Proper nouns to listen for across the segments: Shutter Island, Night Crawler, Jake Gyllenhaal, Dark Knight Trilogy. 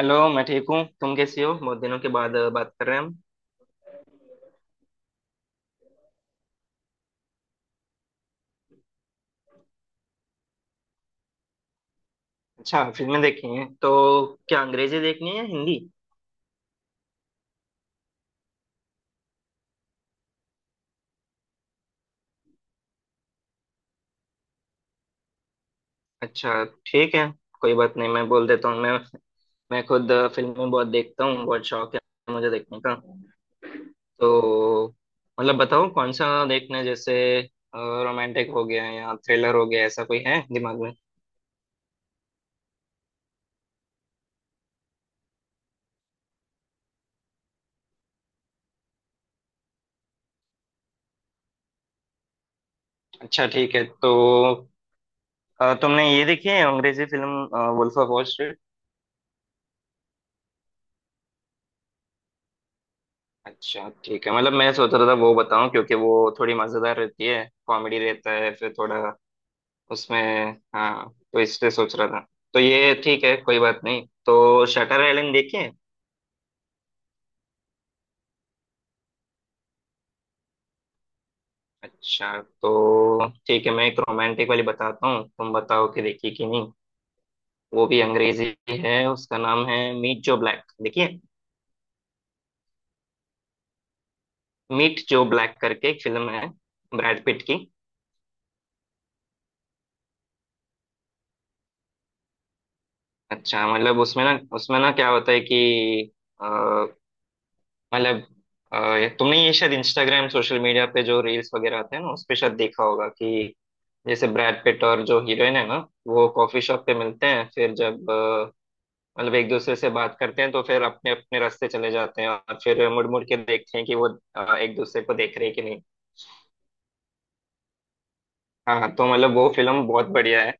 Hello. मैं ठीक हूँ, तुम कैसी हो? बहुत दिनों के बाद बात कर रहे हैं हम। अच्छा, फिल्में देखी हैं तो? क्या अंग्रेजी देखनी है या हिंदी? अच्छा ठीक है, कोई बात नहीं, मैं बोल देता हूँ। मैं खुद फिल्में बहुत देखता हूँ, बहुत शौक है मुझे देखने का। तो मतलब बताओ कौन सा देखना है, जैसे रोमांटिक हो गया या थ्रिलर हो गया, ऐसा कोई है दिमाग में? अच्छा ठीक है। तो तुमने ये देखी है अंग्रेजी फिल्म वुल्फ ऑफ वॉल? अच्छा ठीक है, मतलब मैं सोच रहा था वो बताऊं क्योंकि वो थोड़ी मजेदार रहती है, कॉमेडी रहता है फिर थोड़ा उसमें। हाँ तो इसलिए सोच रहा था। तो ये ठीक है, कोई बात नहीं, तो शटर आइलैंड देखिए। अच्छा तो ठीक है, मैं एक रोमांटिक वाली बताता हूँ, तुम बताओ कि देखिए कि नहीं। वो भी अंग्रेजी है, उसका नाम है मीट जो ब्लैक, देखिए। मीट जो ब्लैक करके एक फिल्म है, ब्रैड पिट की। अच्छा मतलब उसमें ना, उसमें ना क्या होता है कि, मतलब तुमने ये शायद इंस्टाग्राम सोशल मीडिया पे जो रील्स वगैरह आते हैं ना, उस पे शायद देखा होगा कि जैसे ब्रैड पिट और जो हीरोइन है ना, वो कॉफी शॉप पे मिलते हैं, फिर जब मतलब एक दूसरे से बात करते हैं तो फिर अपने अपने रास्ते चले जाते हैं, और फिर मुड़ मुड़ के देखते हैं कि वो एक दूसरे को देख रहे हैं कि नहीं। हाँ तो मतलब वो फिल्म बहुत बढ़िया है।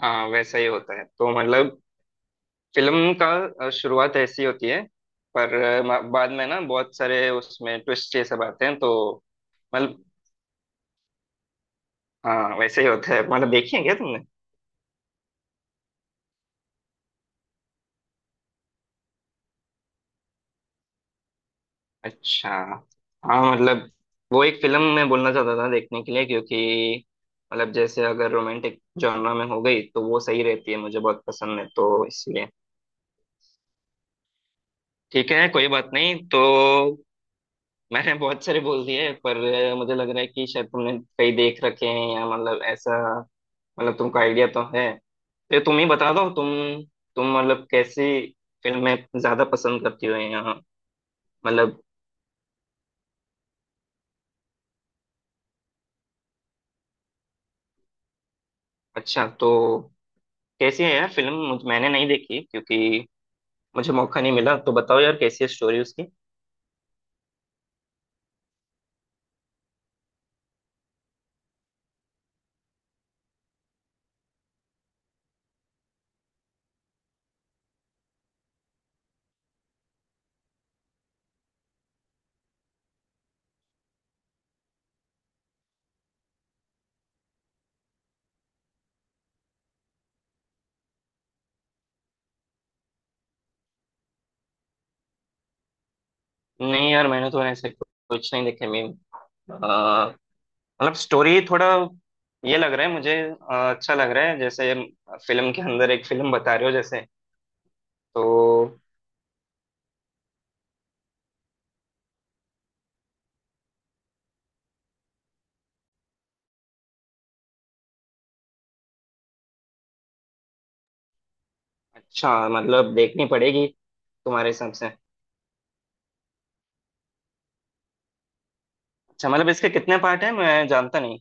हाँ वैसा ही होता है, तो मतलब फिल्म का शुरुआत ऐसी होती है, पर बाद में ना बहुत सारे उसमें ट्विस्ट ये सब आते हैं तो मतलब। हाँ वैसे ही होता है, मतलब देखी है क्या तुमने? अच्छा हाँ मतलब वो एक फिल्म मैं बोलना चाहता था देखने के लिए, क्योंकि मतलब जैसे अगर रोमांटिक जॉनर में हो गई तो वो सही रहती है, मुझे बहुत पसंद है तो इसलिए। ठीक है कोई बात नहीं। तो मैंने बहुत सारे बोल दिए, पर मुझे लग रहा है कि शायद तुमने कई देख रखे हैं, या मतलब ऐसा, मतलब तुमको आइडिया तो है। तो तुम ही बता दो, तुम मतलब कैसी फिल्में ज्यादा पसंद करती हो, या मतलब। अच्छा तो कैसी है यार फिल्म, मैंने नहीं देखी क्योंकि मुझे मौका नहीं मिला, तो बताओ यार कैसी है स्टोरी उसकी। नहीं यार मैंने तो ऐसे कुछ नहीं देखे। मैं अ, मतलब स्टोरी थोड़ा ये लग रहा है मुझे, अच्छा लग रहा है जैसे फिल्म के अंदर एक फिल्म बता रहे हो जैसे। तो अच्छा मतलब देखनी पड़ेगी तुम्हारे हिसाब से। अच्छा मतलब इसके कितने पार्ट हैं, मैं जानता नहीं।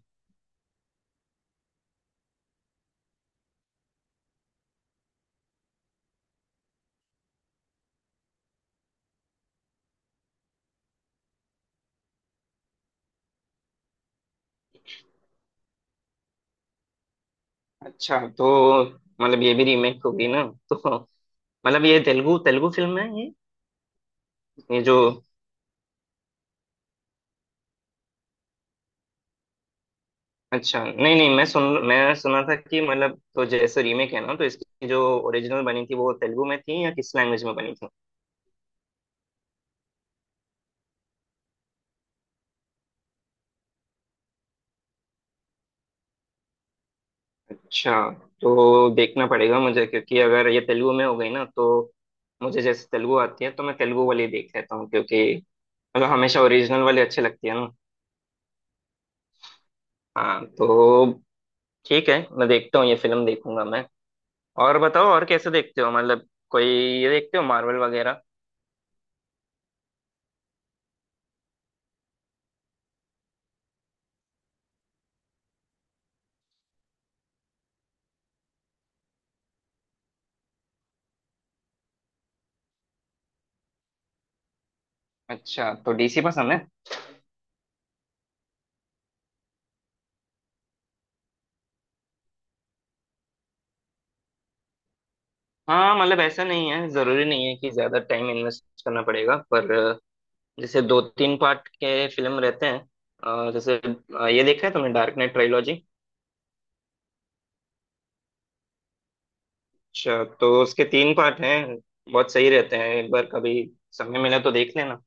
अच्छा तो मतलब ये भी रीमेक होगी ना तो मतलब ये तेलुगु तेलुगु फिल्म है ये? ये जो, अच्छा नहीं नहीं, मैं सुना था कि मतलब, तो जैसे रीमेक है ना, तो इसकी जो ओरिजिनल बनी थी वो तेलुगु में थी या किस लैंग्वेज में बनी थी? अच्छा तो देखना पड़ेगा मुझे क्योंकि अगर ये तेलुगु में हो गई ना तो, मुझे जैसे तेलुगु आती है तो मैं तेलुगु वाली देख लेता हूँ, क्योंकि मतलब हमेशा ओरिजिनल वाली अच्छी लगती है ना। हाँ तो ठीक है, मैं देखता हूँ ये फिल्म, देखूंगा मैं। और बताओ, और कैसे देखते हो, मतलब कोई, ये देखते हो मार्वल वगैरह? अच्छा तो डीसी पसंद है? हाँ मतलब ऐसा नहीं है, जरूरी नहीं है कि ज्यादा टाइम इन्वेस्ट करना पड़ेगा, पर जैसे दो तीन पार्ट के फिल्म रहते हैं, जैसे ये देखा है तुमने डार्क नाइट ट्रायोलॉजी? अच्छा तो उसके तीन पार्ट हैं, बहुत सही रहते हैं, एक बार कभी समय मिला तो देख लेना।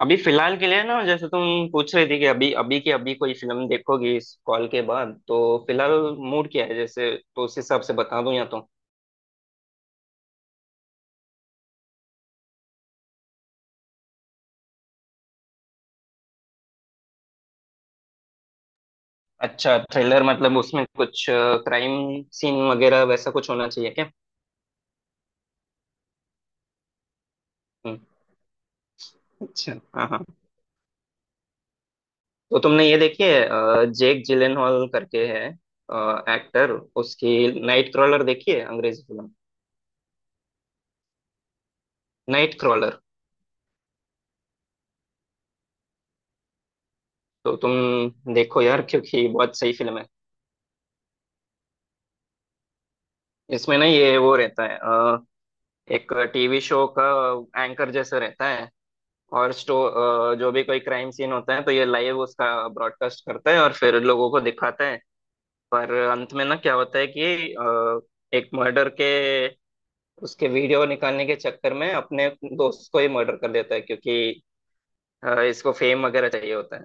अभी फिलहाल के लिए ना, जैसे तुम पूछ रही थी कि अभी अभी की अभी कोई फिल्म देखोगी इस कॉल के बाद तो, फिलहाल मूड क्या है जैसे तो उस हिसाब से बता दूं, या तो। अच्छा थ्रिलर, मतलब उसमें कुछ क्राइम सीन वगैरह वैसा कुछ होना चाहिए क्या? हम्म। अच्छा हाँ हाँ। तो तुमने ये देखी है जेक जिलेनहॉल करके है एक्टर, उसकी नाइट क्रॉलर देखी है अंग्रेजी फिल्म? Nightcrawler. तो तुम देखो यार क्योंकि बहुत सही फिल्म है। इसमें ना ये वो रहता है एक टीवी शो का एंकर जैसा रहता है, और जो भी कोई क्राइम सीन होता है तो ये लाइव उसका ब्रॉडकास्ट करता है और फिर लोगों को दिखाता है। पर अंत में ना क्या होता है कि एक मर्डर के उसके वीडियो निकालने के चक्कर में अपने दोस्त को ही मर्डर कर देता है, क्योंकि इसको फेम वगैरह चाहिए होता है।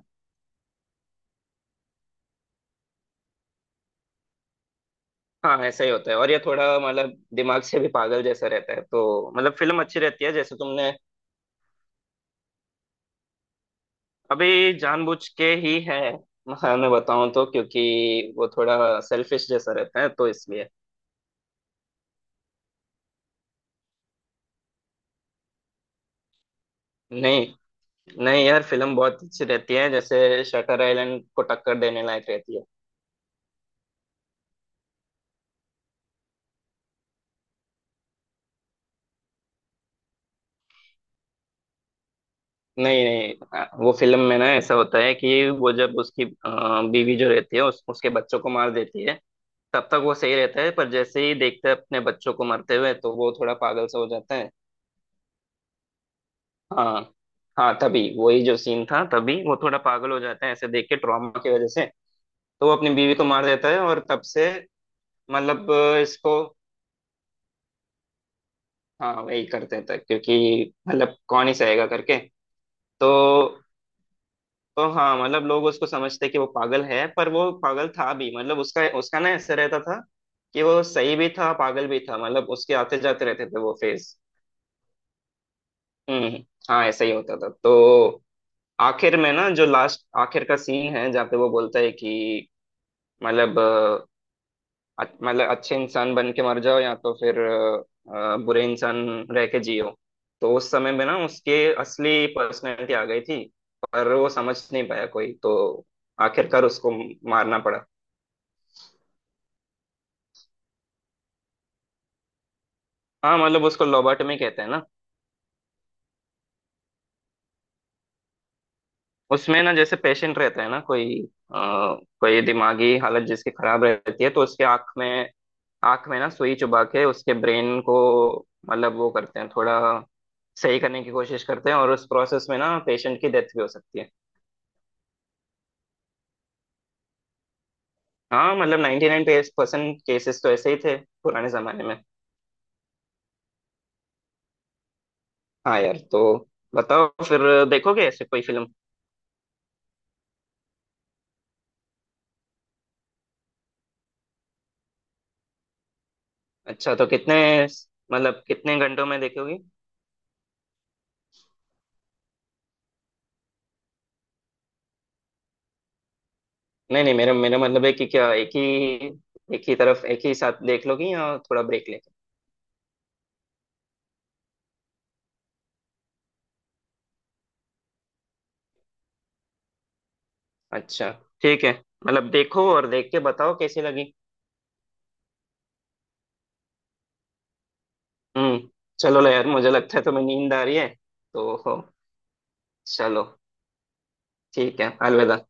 हाँ ऐसा ही होता है, और ये थोड़ा मतलब दिमाग से भी पागल जैसा रहता है, तो मतलब फिल्म अच्छी रहती है जैसे तुमने। अभी जानबूझ के ही है, हाँ, मैं बताऊं तो क्योंकि वो थोड़ा सेल्फिश जैसा रहता है, तो इसलिए। नहीं नहीं यार फिल्म बहुत अच्छी रहती है, जैसे शटर आइलैंड को टक्कर देने लायक रहती है। नहीं नहीं, वो फिल्म में ना ऐसा होता है कि वो जब उसकी बीवी जो रहती है उसके बच्चों को मार देती है, तब तक वो सही रहता है, पर जैसे ही देखता है अपने बच्चों को मरते हुए तो वो थोड़ा पागल सा हो जाता है। हाँ हाँ तभी वही जो सीन था, तभी वो थोड़ा पागल हो जाता है ऐसे देख के, ट्रॉमा की वजह से। तो वो अपनी बीवी को मार देता है और तब से मतलब इसको। हाँ वही कर देता है, क्योंकि मतलब कौन ही सहेगा करके। तो तो हाँ मतलब लोग उसको समझते कि वो पागल है, पर वो पागल था भी, मतलब उसका उसका ना ऐसे रहता था कि वो सही भी था पागल भी था, मतलब उसके आते जाते रहते थे वो फेज। हम्म हम्म। हाँ ऐसा ही होता था। तो आखिर में ना जो लास्ट आखिर का सीन है, जहाँ पे वो बोलता है कि मतलब, मतलब अच्छे इंसान बन के मर जाओ, या तो फिर बुरे इंसान रह के जियो। तो उस समय में ना उसके असली पर्सनैलिटी आ गई थी, पर वो समझ नहीं पाया कोई, तो आखिरकार उसको मारना पड़ा। हाँ मतलब उसको लोबोटमी कहते हैं ना। उसमें ना जैसे पेशेंट रहता है ना कोई अ, कोई दिमागी हालत जिसकी खराब रहती है, तो उसके आंख में ना सुई चुबा के उसके ब्रेन को मतलब वो करते हैं थोड़ा, सही करने की कोशिश करते हैं, और उस प्रोसेस में ना पेशेंट की डेथ भी हो सकती है। हाँ मतलब 99% केसेस तो ऐसे ही थे पुराने जमाने में। हाँ यार। तो बताओ फिर, देखोगे ऐसे कोई फिल्म? अच्छा तो कितने मतलब कितने घंटों में देखोगी? नहीं नहीं, मेरा मेरा मतलब है कि क्या एक ही तरफ, एक ही साथ देख लोगी या थोड़ा ब्रेक लेके? अच्छा ठीक है, मतलब देखो और देख के बताओ कैसी लगी। हम्म। चलो यार, मुझे लगता है तुम्हें नींद आ रही है तो, चलो, ठीक है, अलविदा।